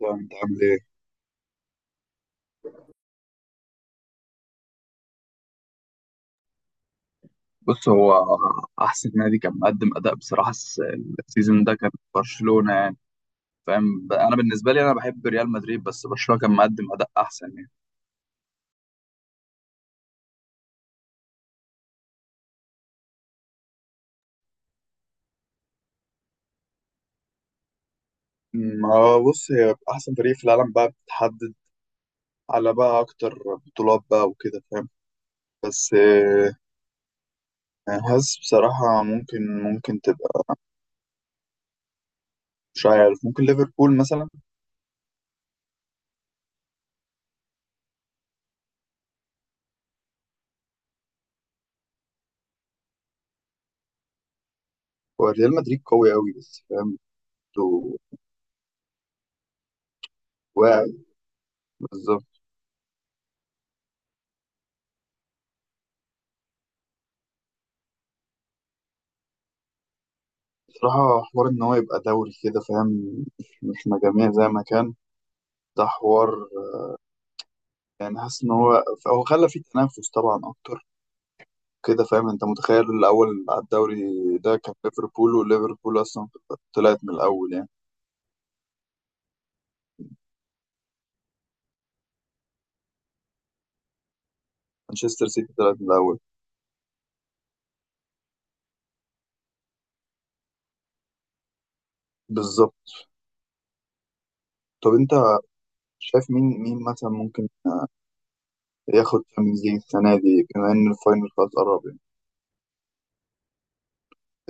لا، انت عامل ايه؟ بص هو احسن نادي كان مقدم اداء بصراحه السيزون ده كان برشلونه يعني. فاهم انا بالنسبه لي، انا بحب ريال مدريد بس برشلونه كان مقدم اداء احسن يعني. ما هو بص، هي احسن فريق في العالم بقى بتحدد على بقى اكتر بطولات بقى وكده فاهم. بس انا حاسس بصراحة ممكن تبقى، مش عارف، ممكن ليفربول مثلا. هو ريال مدريد قوي قوي بس فاهم. انتوا واعي. بالظبط. بصراحة حوار إن هو يبقى دوري كده فاهم. إحنا جميع زي ما كان. ده حوار يعني، حاسس إن هو خلى فيه تنافس طبعا أكتر كده فاهم. أنت متخيل الأول على الدوري ده كان ليفربول، وليفربول أصلا طلعت من الأول يعني. مانشستر سيتي طلعت من الأول. بالظبط. طب أنت شايف مين مثلا ممكن ياخد تشامبيونز ليج السنة دي، بما إن الفاينل خلاص قرب يعني.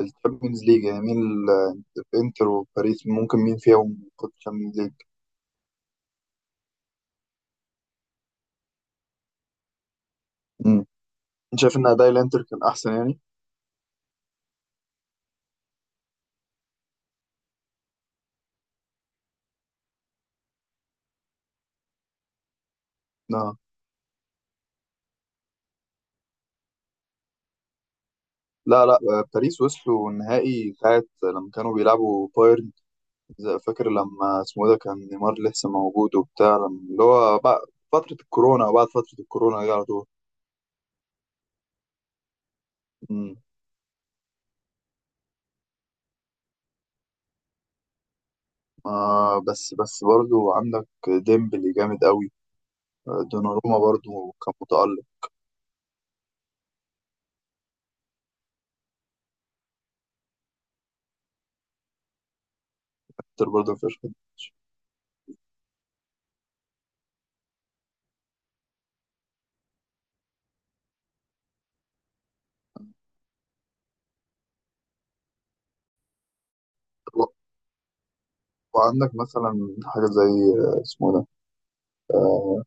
التشامبيونز ليج يعني، مين الإنتر وباريس؟ ممكن مين فيهم ياخد تشامبيونز ليج؟ انت شايف ان اداء الانتر كان احسن يعني. لا لا لا، باريس وصلوا النهائي ساعة لما كانوا بيلعبوا بايرن، فاكر لما اسمه إيه ده، كان نيمار لسه موجود وبتاع، اللي هو بعد فترة الكورونا، وبعد فترة الكورونا دي على طول. مم. بس برضو عندك ديمبلي جامد قوي. دوناروما برضو كان متألق. كتير برضو في، وعندك مثلا حاجة زي اسمه إيه ده، آه،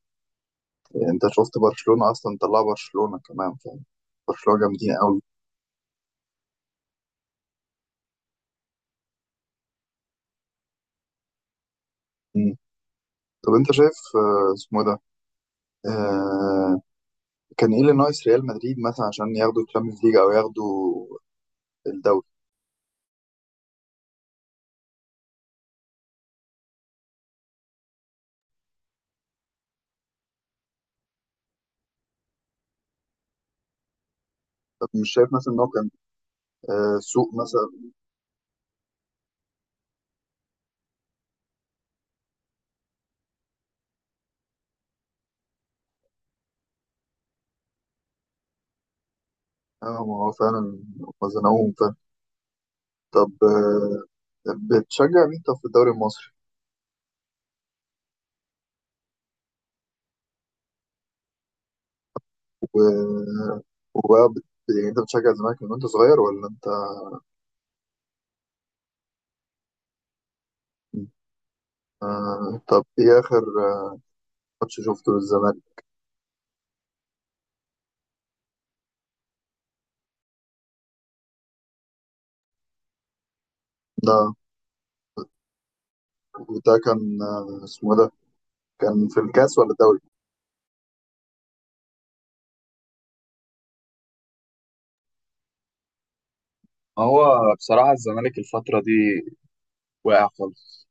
يعني انت شفت برشلونة، اصلا طلع برشلونة كمان فاهم. برشلونة جامدين قوي. طب انت شايف، اسمه إيه ده، آه كان ايه اللي ناقص ريال مدريد مثلا عشان ياخدوا الشامبيونز ليج او ياخدوا الدوري؟ طب مش شايف مثلا ان هو كان سوق مثلا؟ اه، ما هو فعلا هم زنقوهم فعلا. طب بتشجع مين، طب، في الدوري المصري؟ و... وبقى بت... يعني انت بتشجع الزمالك من وانت صغير، ولا انت؟ طب ايه اخر آه، ماتش شفته للزمالك؟ ده، وده كان آه اسمه إيه ده كان في الكاس ولا الدوري؟ هو بصراحة الزمالك الفترة دي واقع خالص.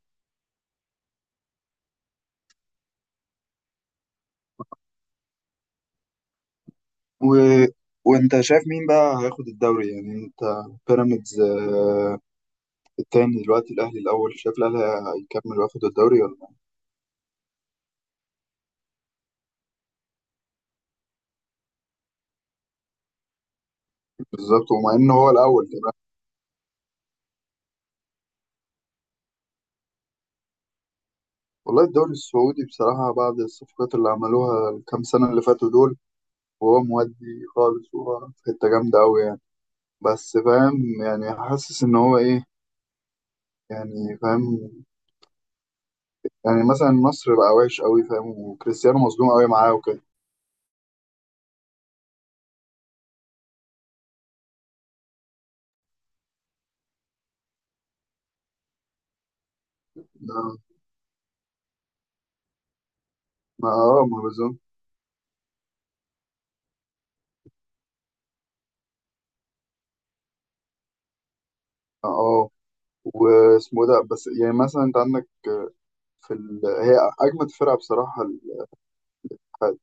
و... وانت شايف مين بقى هياخد الدوري؟ يعني انت، بيراميدز التاني دلوقتي، الاهلي الاول، شايف الاهلي هيكمل وياخد الدوري ولا لا؟ بالظبط، ومع ان هو الاول كمان. والله الدوري السعودي بصراحة، بعد الصفقات اللي عملوها الكام سنة اللي فاتوا دول، وهو مودي خالص وهو في حتة جامدة أوي يعني. بس فاهم يعني، حاسس إن هو إيه، يعني فاهم، يعني مثلا النصر بقى وحش أوي فاهم، وكريستيانو مظلوم أوي معاه وكده. ما- اه، ما بالظبط. اه، واسمه ده، بس يعني مثلا انت عندك هي اجمد فرقه بصراحه، الاتحاد.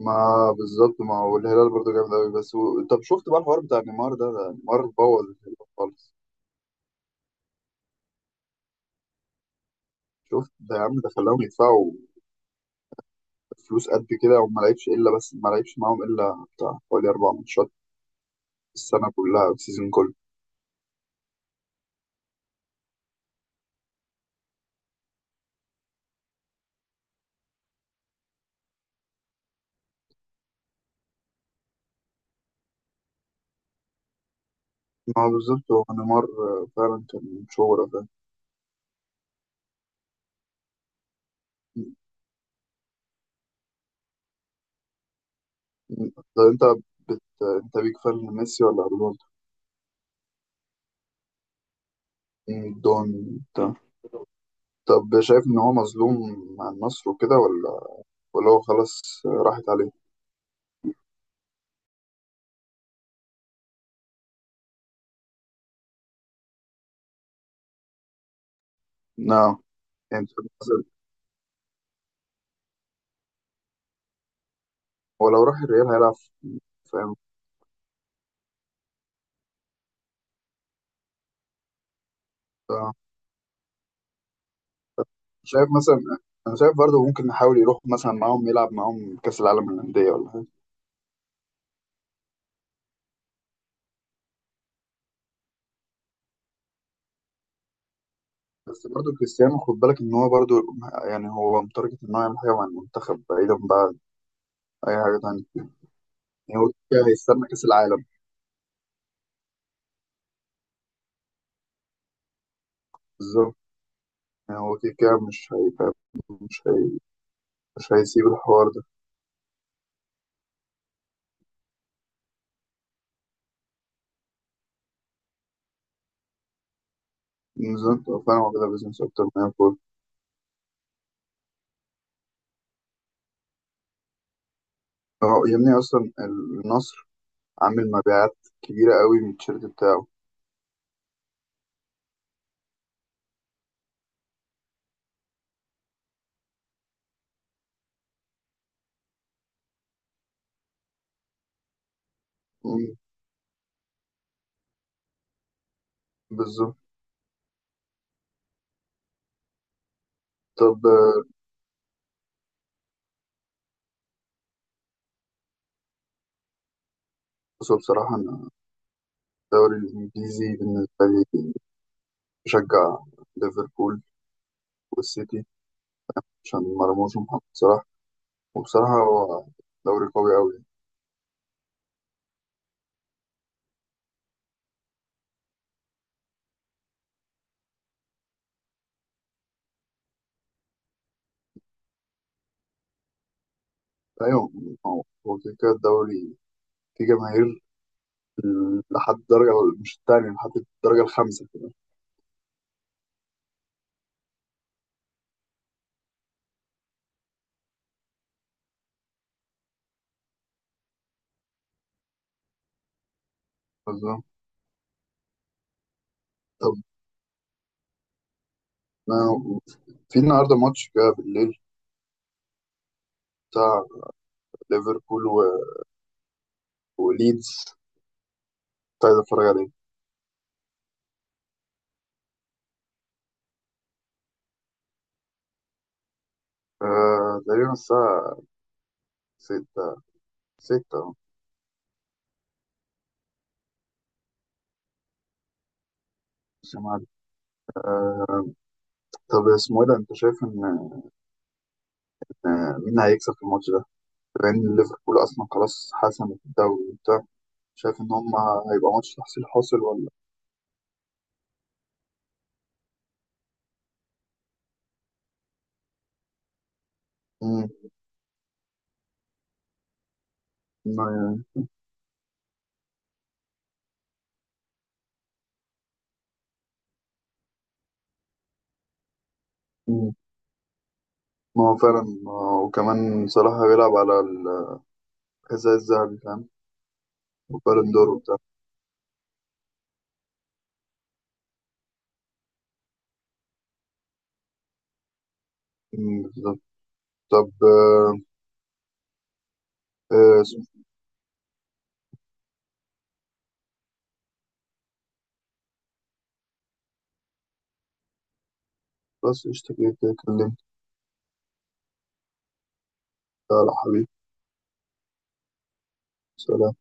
ما بالظبط، ما هو الهلال برضه جامد قوي بس. طب شفت بقى الحوار بتاع نيمار ده، ده نيمار بوظ الهلال خالص؟ شفت ده يا عم؟ ده خلاهم يدفعوا فلوس قد كده، وما لعبش الا، بس ما لعبش معاهم الا بتاع حوالي 4 ماتشات، السنه كلها أو السيزون كله. ما هو بالظبط، هو نيمار فعلا كان شهرة ده. طب انت انت بيك فان ميسي ولا رونالدو؟ مين دون؟ طب شايف إن هو مظلوم مع النصر وكده، ولا هو خلاص راحت عليه؟ نعم. يعني شايف مثلا، هو لو راح الريال هيلعب، فاهم. آه. شايف مثلا، أنا شايف برضه ممكن نحاول يروح مثلا معاهم، يلعب معاهم كأس العالم للأندية ولا حاجة. بس برضه كريستيانو خد بالك إن هو برضه، يعني هو متارجت إن هو يعمل حاجة مع المنتخب، بعيدا بقى عن أي حاجة تانية. يعني هو كده هيستنى كأس العالم. بالظبط. يعني هو كده كده مش هيبقى، مش هي... مش هيسيب الحوار ده. نزلت فاهم، كده بيزنس أكتر من أي. اه، يا ابني اصلا النصر عامل مبيعات كبيره قوي من التيشيرت بتاعه. مم، بالظبط. طب بصوا بصراحه انا، الدوري الانجليزي بالنسبه لي بشجع ليفربول والسيتي، عشان مرموش ومحمد صلاح، وبصراحه هو دوري قوي قوي. ايوه، هو كده كده الدوري فيه جماهير لحد الدرجه، مش التانية، لحد الدرجه الخامسه كده. بالظبط. طب ما- في النهارده ماتش كده بالليل، بتاع ليفربول وليدز، كنت عايز اتفرج عليه. تقريبا الساعة 6. أهو. مش عارف. آه طب اسمه ايه ده، انت شايف ان، مين هيكسب في الماتش ده؟ لأن ليفربول أصلا خلاص حسمت الدوري وبتاع، شايف ان هم هيبقى ماتش تحصيل حاصل ولا؟ مم. ما يعني، مم. ما هو فعلا، وكمان صلاح بيلعب على الحذاء الذهبي فاهم؟ وبالون دور وبتاع. مم، بالظبط. طب آه، اسمه- بس اشتكيت كده، اتكلمت. يلا حبيبي. سلام.